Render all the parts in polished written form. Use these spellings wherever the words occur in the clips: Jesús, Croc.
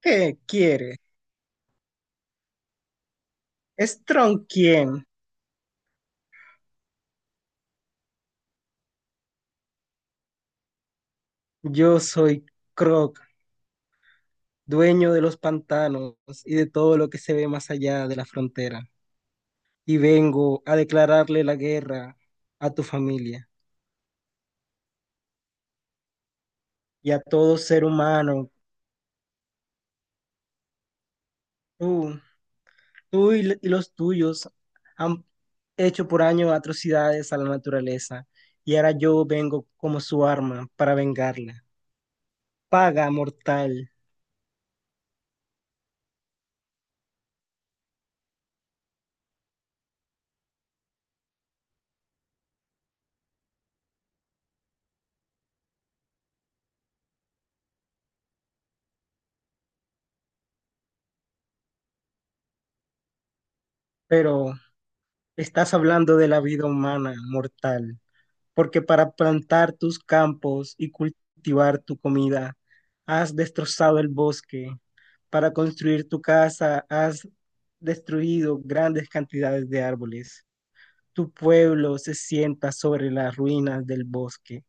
¿Qué quiere? ¿Strong quién? Yo soy Croc, dueño de los pantanos y de todo lo que se ve más allá de la frontera. Y vengo a declararle la guerra a tu familia y a todo ser humano. Tú, tú y los tuyos han hecho por años atrocidades a la naturaleza y ahora yo vengo como su arma para vengarla. Paga, mortal, pero estás hablando de la vida humana, mortal. Porque para plantar tus campos y cultivar tu comida, has destrozado el bosque, para construir tu casa, has destruido grandes cantidades de árboles. Tu pueblo se sienta sobre las ruinas del bosque.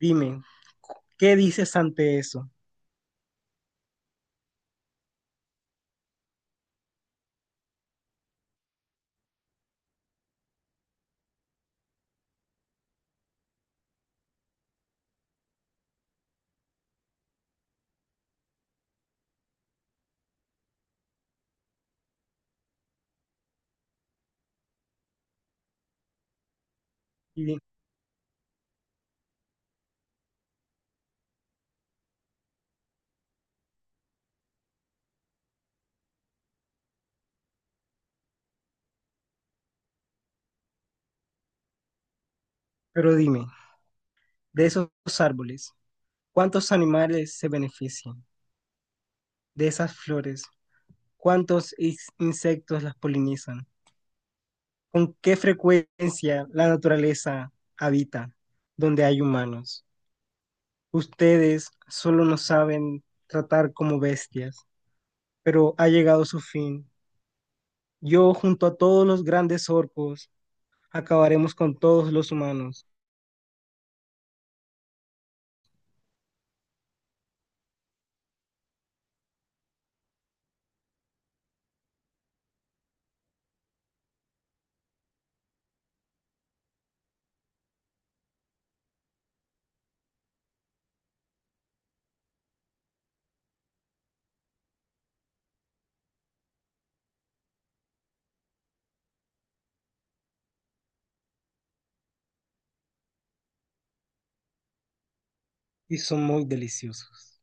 Dime, ¿qué dices ante eso? Y- di- Pero dime, de esos árboles, ¿cuántos animales se benefician? De esas flores, ¿cuántos insectos las polinizan? ¿Con qué frecuencia la naturaleza habita donde hay humanos? Ustedes solo nos saben tratar como bestias, pero ha llegado su fin. Yo junto a todos los grandes orcos acabaremos con todos los humanos y son muy deliciosos.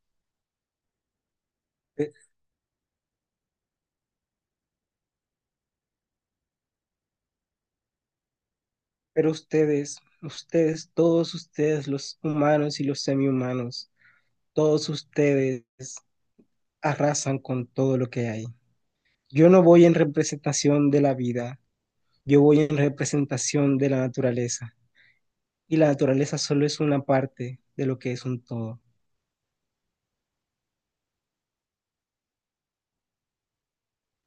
Pe- Pero ustedes, todos ustedes, los humanos y los semihumanos, todos ustedes arrasan con todo lo que hay. Yo no voy en representación de la vida, yo voy en representación de la naturaleza y la naturaleza solo es una parte de lo que es un todo.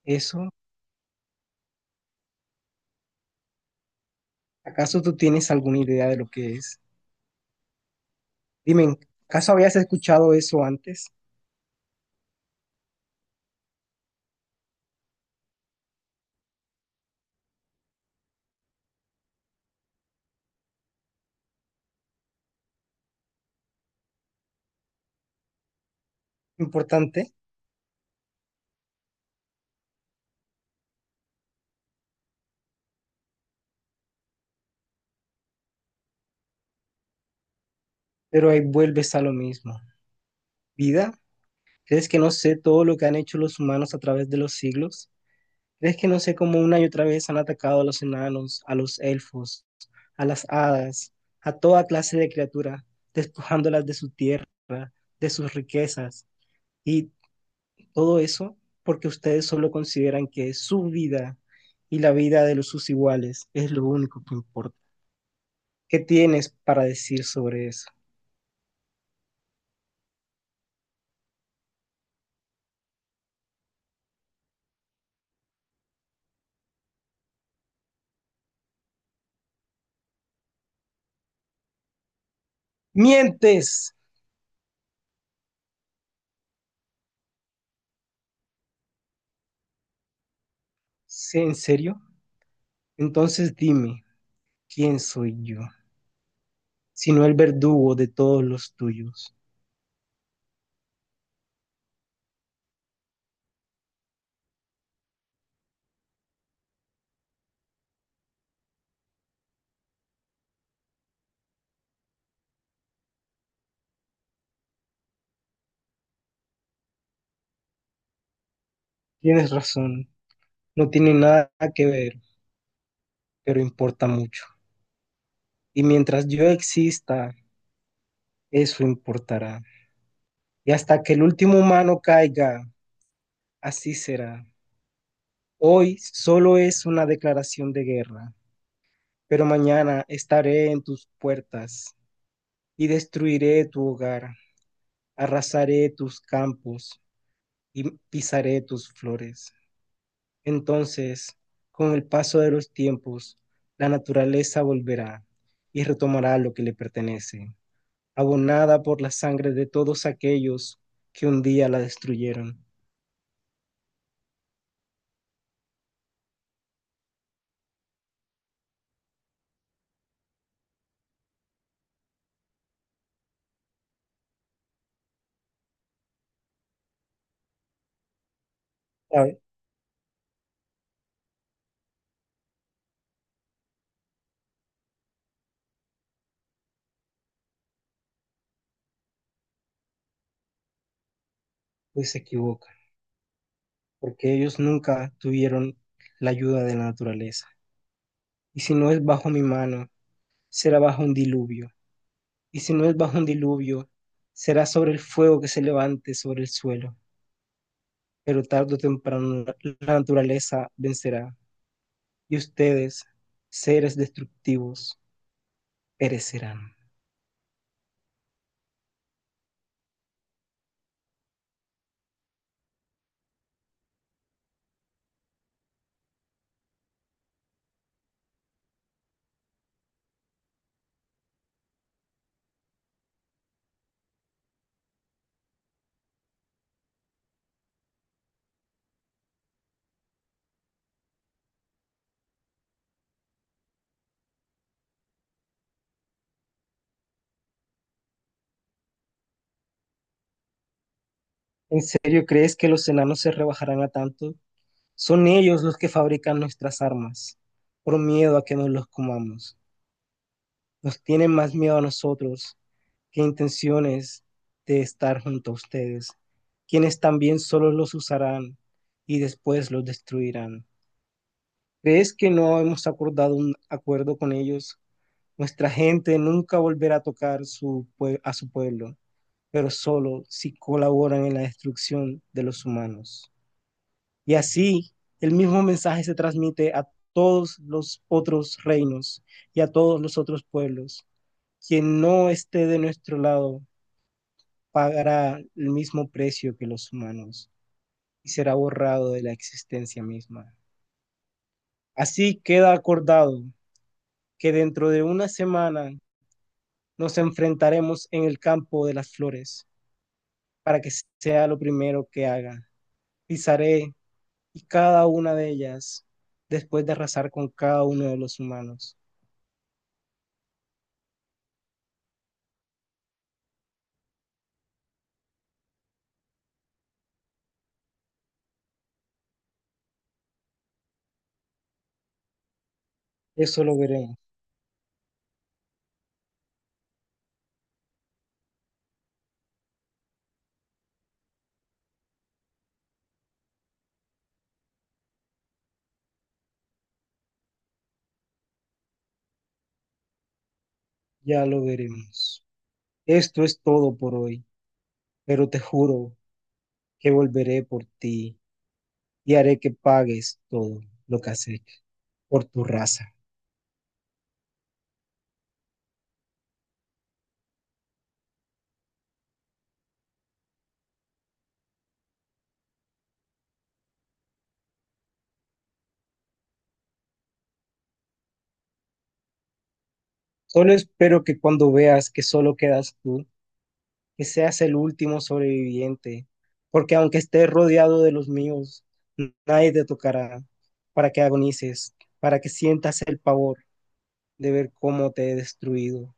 ¿Eso? ¿Acaso tú tienes alguna idea de lo que es? Dime, ¿acaso habías escuchado eso antes? Importante, pero ahí vuelves a lo mismo. ¿Vida? ¿Crees que no sé todo lo que han hecho los humanos a través de los siglos? ¿Crees que no sé cómo una y otra vez han atacado a los enanos, a los elfos, a las hadas, a toda clase de criatura, despojándolas de su tierra, de sus riquezas? Y todo eso porque ustedes solo consideran que su vida y la vida de los sus iguales es lo único que importa. ¿Qué tienes para decir sobre eso? ¡Mientes! ¿Sí? ¿En serio? Entonces dime, ¿quién soy yo? Sino el verdugo de todos los tuyos. Tienes razón, no tiene nada que ver, pero importa mucho. Y mientras yo exista, eso importará. Y hasta que el último humano caiga, así será. Hoy solo es una declaración de guerra, pero mañana estaré en tus puertas y destruiré tu hogar, arrasaré tus campos y pisaré tus flores. Entonces, con el paso de los tiempos, la naturaleza volverá y retomará lo que le pertenece, abonada por la sangre de todos aquellos que un día la destruyeron. ¿Sabe? Pues se equivoca, porque ellos nunca tuvieron la ayuda de la naturaleza. Y si no es bajo mi mano, será bajo un diluvio, y si no es bajo un diluvio, será sobre el fuego que se levante sobre el suelo, pero tarde o temprano la naturaleza vencerá, y ustedes, seres destructivos, perecerán. ¿En serio crees que los enanos se rebajarán a tanto? Son ellos los que fabrican nuestras armas, por miedo a que nos los comamos. Nos tienen más miedo a nosotros qué intenciones de estar junto a ustedes, quienes también solo los usarán y después los destruirán. ¿Crees que no hemos acordado un acuerdo con ellos? Nuestra gente nunca volverá a tocar su a su pueblo, pero solo si colaboran en la destrucción de los humanos. Y así el mismo mensaje se transmite a todos los otros reinos y a todos los otros pueblos. Quien no esté de nuestro lado pagará el mismo precio que los humanos y será borrado de la existencia misma. Así queda acordado que dentro de una semana nos enfrentaremos en el campo de las flores para que sea lo primero que haga. Pisaré y cada una de ellas después de arrasar con cada uno de los humanos. Eso lo veremos, ya lo veremos. Esto es todo por hoy, pero te juro que volveré por ti. Y haré que pagues todo lo que has hecho por tu raza. Solo espero que cuando veas que solo quedas tú, que seas el último sobreviviente, porque aunque estés rodeado de los míos, nadie te tocará para que agonices, para que sientas el pavor de ver cómo te he destruido.